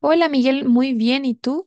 Hola Miguel, muy bien. ¿Y tú?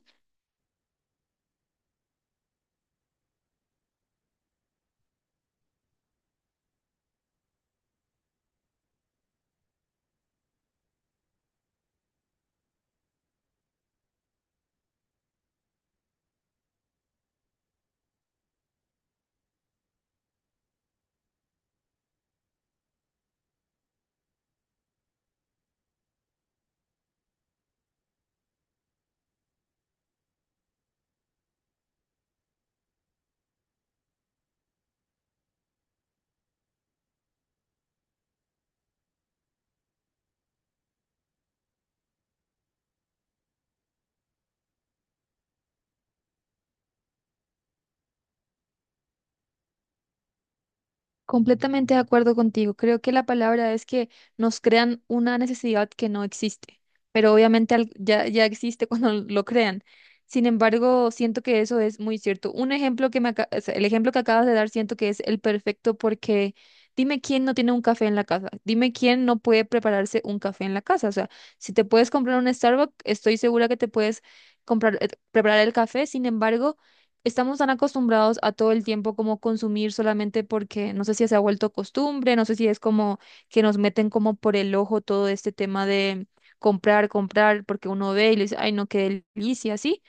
Completamente de acuerdo contigo. Creo que la palabra es que nos crean una necesidad que no existe, pero obviamente ya existe cuando lo crean. Sin embargo, siento que eso es muy cierto. Un ejemplo que me, aca- o sea, el ejemplo que acabas de dar siento que es el perfecto porque dime quién no tiene un café en la casa, dime quién no puede prepararse un café en la casa. O sea, si te puedes comprar un Starbucks, estoy segura que te puedes comprar, preparar el café. Sin embargo, estamos tan acostumbrados a todo el tiempo como consumir solamente porque no sé si se ha vuelto costumbre, no sé si es como que nos meten como por el ojo todo este tema de comprar, comprar, porque uno ve y le dice, ay, no, qué delicia, sí.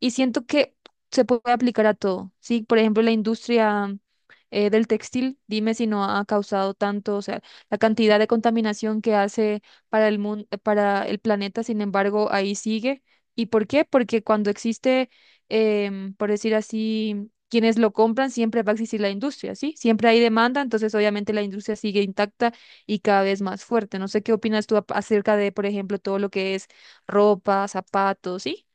Y siento que se puede aplicar a todo, ¿sí? Por ejemplo, la industria del textil, dime si no ha causado tanto, o sea, la cantidad de contaminación que hace para el mundo, para el planeta. Sin embargo, ahí sigue. ¿Y por qué? Porque cuando existe por decir así, quienes lo compran, siempre va a existir la industria, ¿sí? Siempre hay demanda, entonces obviamente la industria sigue intacta y cada vez más fuerte. No sé qué opinas tú acerca de, por ejemplo, todo lo que es ropa, zapatos, ¿sí?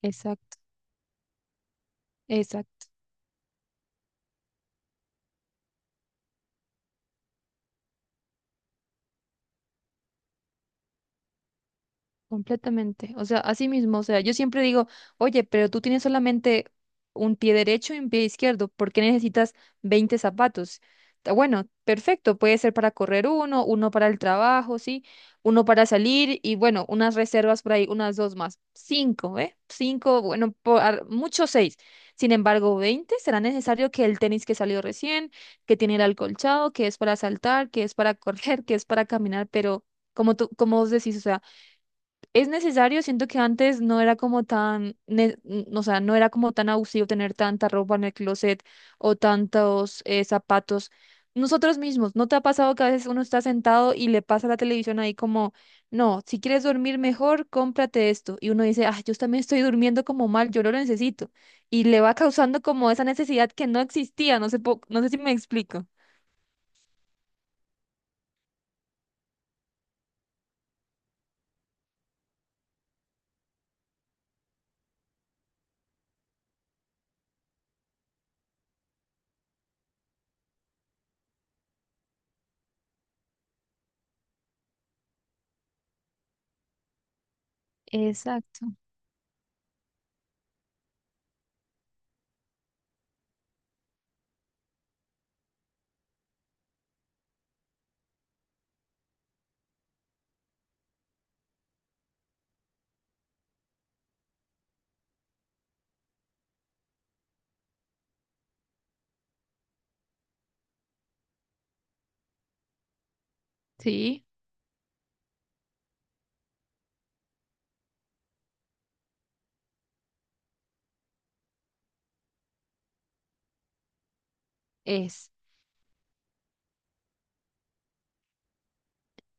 Exacto, exacto. Completamente. O sea, así mismo. O sea, yo siempre digo, oye, pero tú tienes solamente un pie derecho y un pie izquierdo. ¿Por qué necesitas 20 zapatos? Bueno, perfecto. Puede ser para correr uno, uno para el trabajo, ¿sí? Uno para salir y bueno, unas reservas por ahí, unas dos más. Cinco, ¿eh? Cinco, bueno, mucho seis. Sin embargo, ¿20 será necesario? Que el tenis que salió recién, que tiene el alcolchado, que es para saltar, que es para correr, que es para caminar, pero como tú, como vos decís, o sea. Es necesario, siento que antes no era como tan, ne- n- o sea, no era como tan abusivo tener tanta ropa en el closet o tantos zapatos. Nosotros mismos, ¿no te ha pasado que a veces uno está sentado y le pasa la televisión ahí como, no, si quieres dormir mejor, cómprate esto? Y uno dice, ah, yo también estoy durmiendo como mal, yo lo necesito. Y le va causando como esa necesidad que no existía, no no sé si me explico. Exacto. Sí.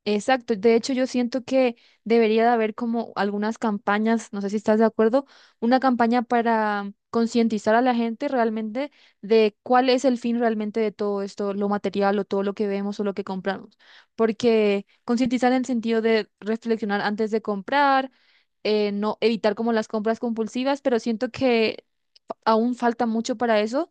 Exacto, de hecho yo siento que debería de haber como algunas campañas, no sé si estás de acuerdo, una campaña para concientizar a la gente realmente de cuál es el fin realmente de todo esto, lo material o todo lo que vemos o lo que compramos. Porque concientizar en el sentido de reflexionar antes de comprar, no evitar como las compras compulsivas, pero siento que aún falta mucho para eso,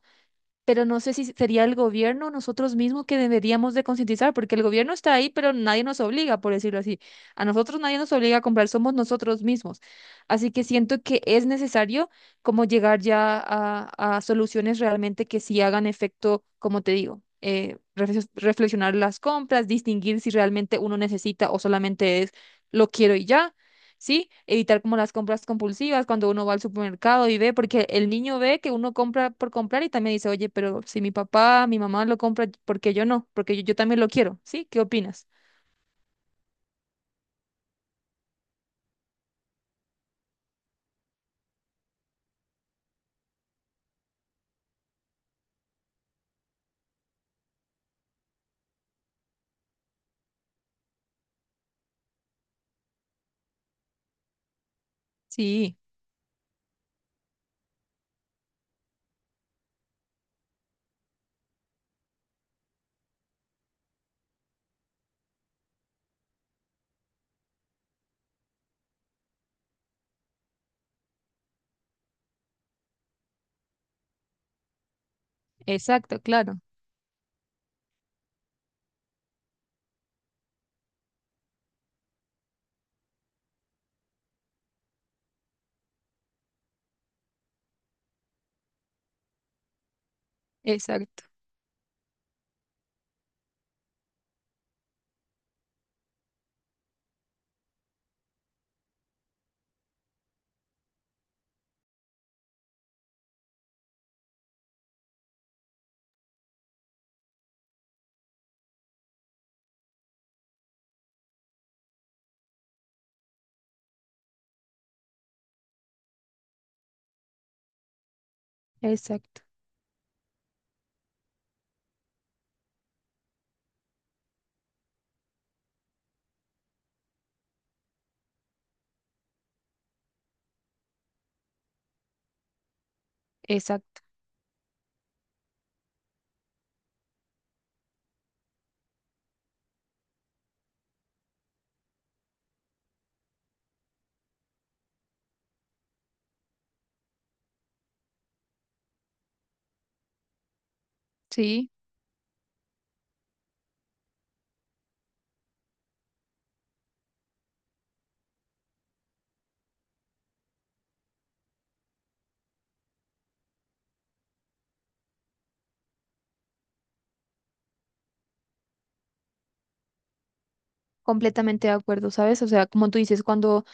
pero no sé si sería el gobierno o nosotros mismos que deberíamos de concientizar, porque el gobierno está ahí, pero nadie nos obliga, por decirlo así. A nosotros nadie nos obliga a comprar, somos nosotros mismos. Así que siento que es necesario como llegar ya a soluciones realmente que sí hagan efecto, como te digo. Reflexionar las compras, distinguir si realmente uno necesita o solamente es lo quiero y ya. Sí, evitar como las compras compulsivas cuando uno va al supermercado y ve, porque el niño ve que uno compra por comprar y también dice, oye, pero si mi papá, mi mamá lo compra, ¿por qué yo no? Porque yo también lo quiero, ¿sí? ¿Qué opinas? Sí, exacto, claro, exacto, exacto, exacto, sí, completamente de acuerdo, ¿sabes? O sea, como tú dices, cuando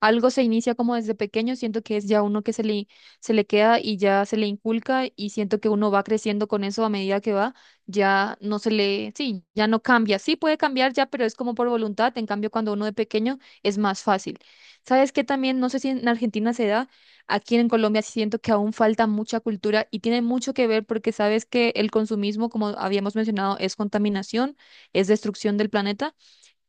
algo se inicia como desde pequeño, siento que es ya uno que se le queda y ya se le inculca y siento que uno va creciendo con eso a medida que va, ya no se le, sí, ya no cambia. Sí puede cambiar ya, pero es como por voluntad. En cambio, cuando uno de pequeño es más fácil. ¿Sabes qué también? No sé si en Argentina se da, aquí en Colombia sí siento que aún falta mucha cultura y tiene mucho que ver porque sabes que el consumismo, como habíamos mencionado, es contaminación, es destrucción del planeta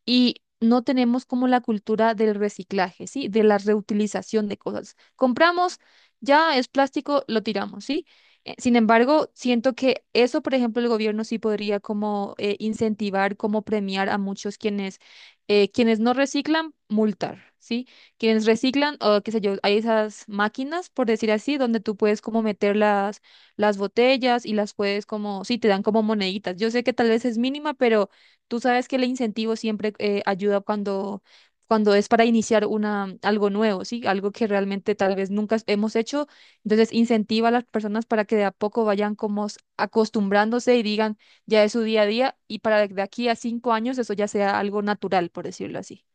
y no tenemos como la cultura del reciclaje, ¿sí? De la reutilización de cosas. Compramos, ya es plástico, lo tiramos, ¿sí? Sin embargo, siento que eso, por ejemplo, el gobierno sí podría como incentivar, como premiar a muchos quienes, quienes no reciclan, multar, ¿sí? Quienes reciclan, o qué sé yo, hay esas máquinas, por decir así, donde tú puedes como meter las botellas y las puedes como, sí, te dan como moneditas. Yo sé que tal vez es mínima, pero tú sabes que el incentivo siempre ayuda cuando, cuando es para iniciar una, algo nuevo, ¿sí? Algo que realmente tal vez nunca hemos hecho. Entonces, incentiva a las personas para que de a poco vayan como acostumbrándose y digan, ya es su día a día, y para de aquí a 5 años eso ya sea algo natural, por decirlo así.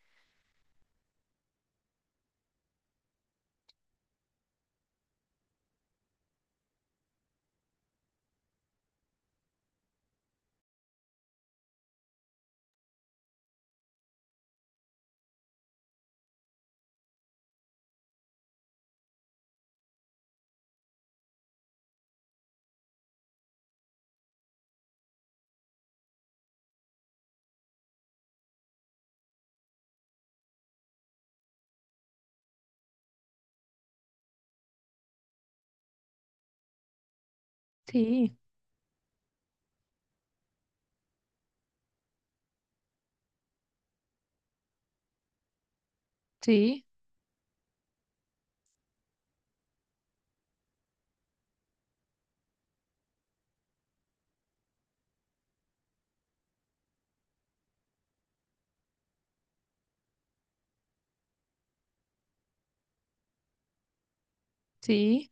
Sí, sí, sí,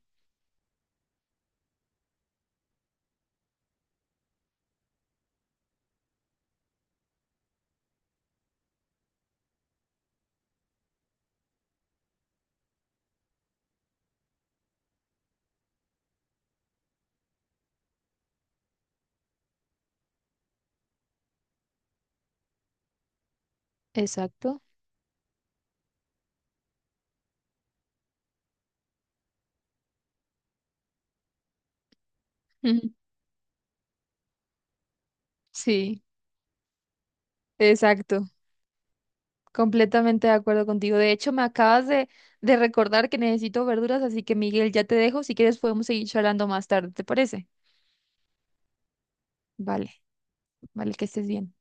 exacto. Ujú. Sí, exacto. Completamente de acuerdo contigo. De hecho, me acabas de recordar que necesito verduras, así que Miguel, ya te dejo. Si quieres, podemos seguir charlando más tarde, ¿te parece? Vale, vale, que estés bien.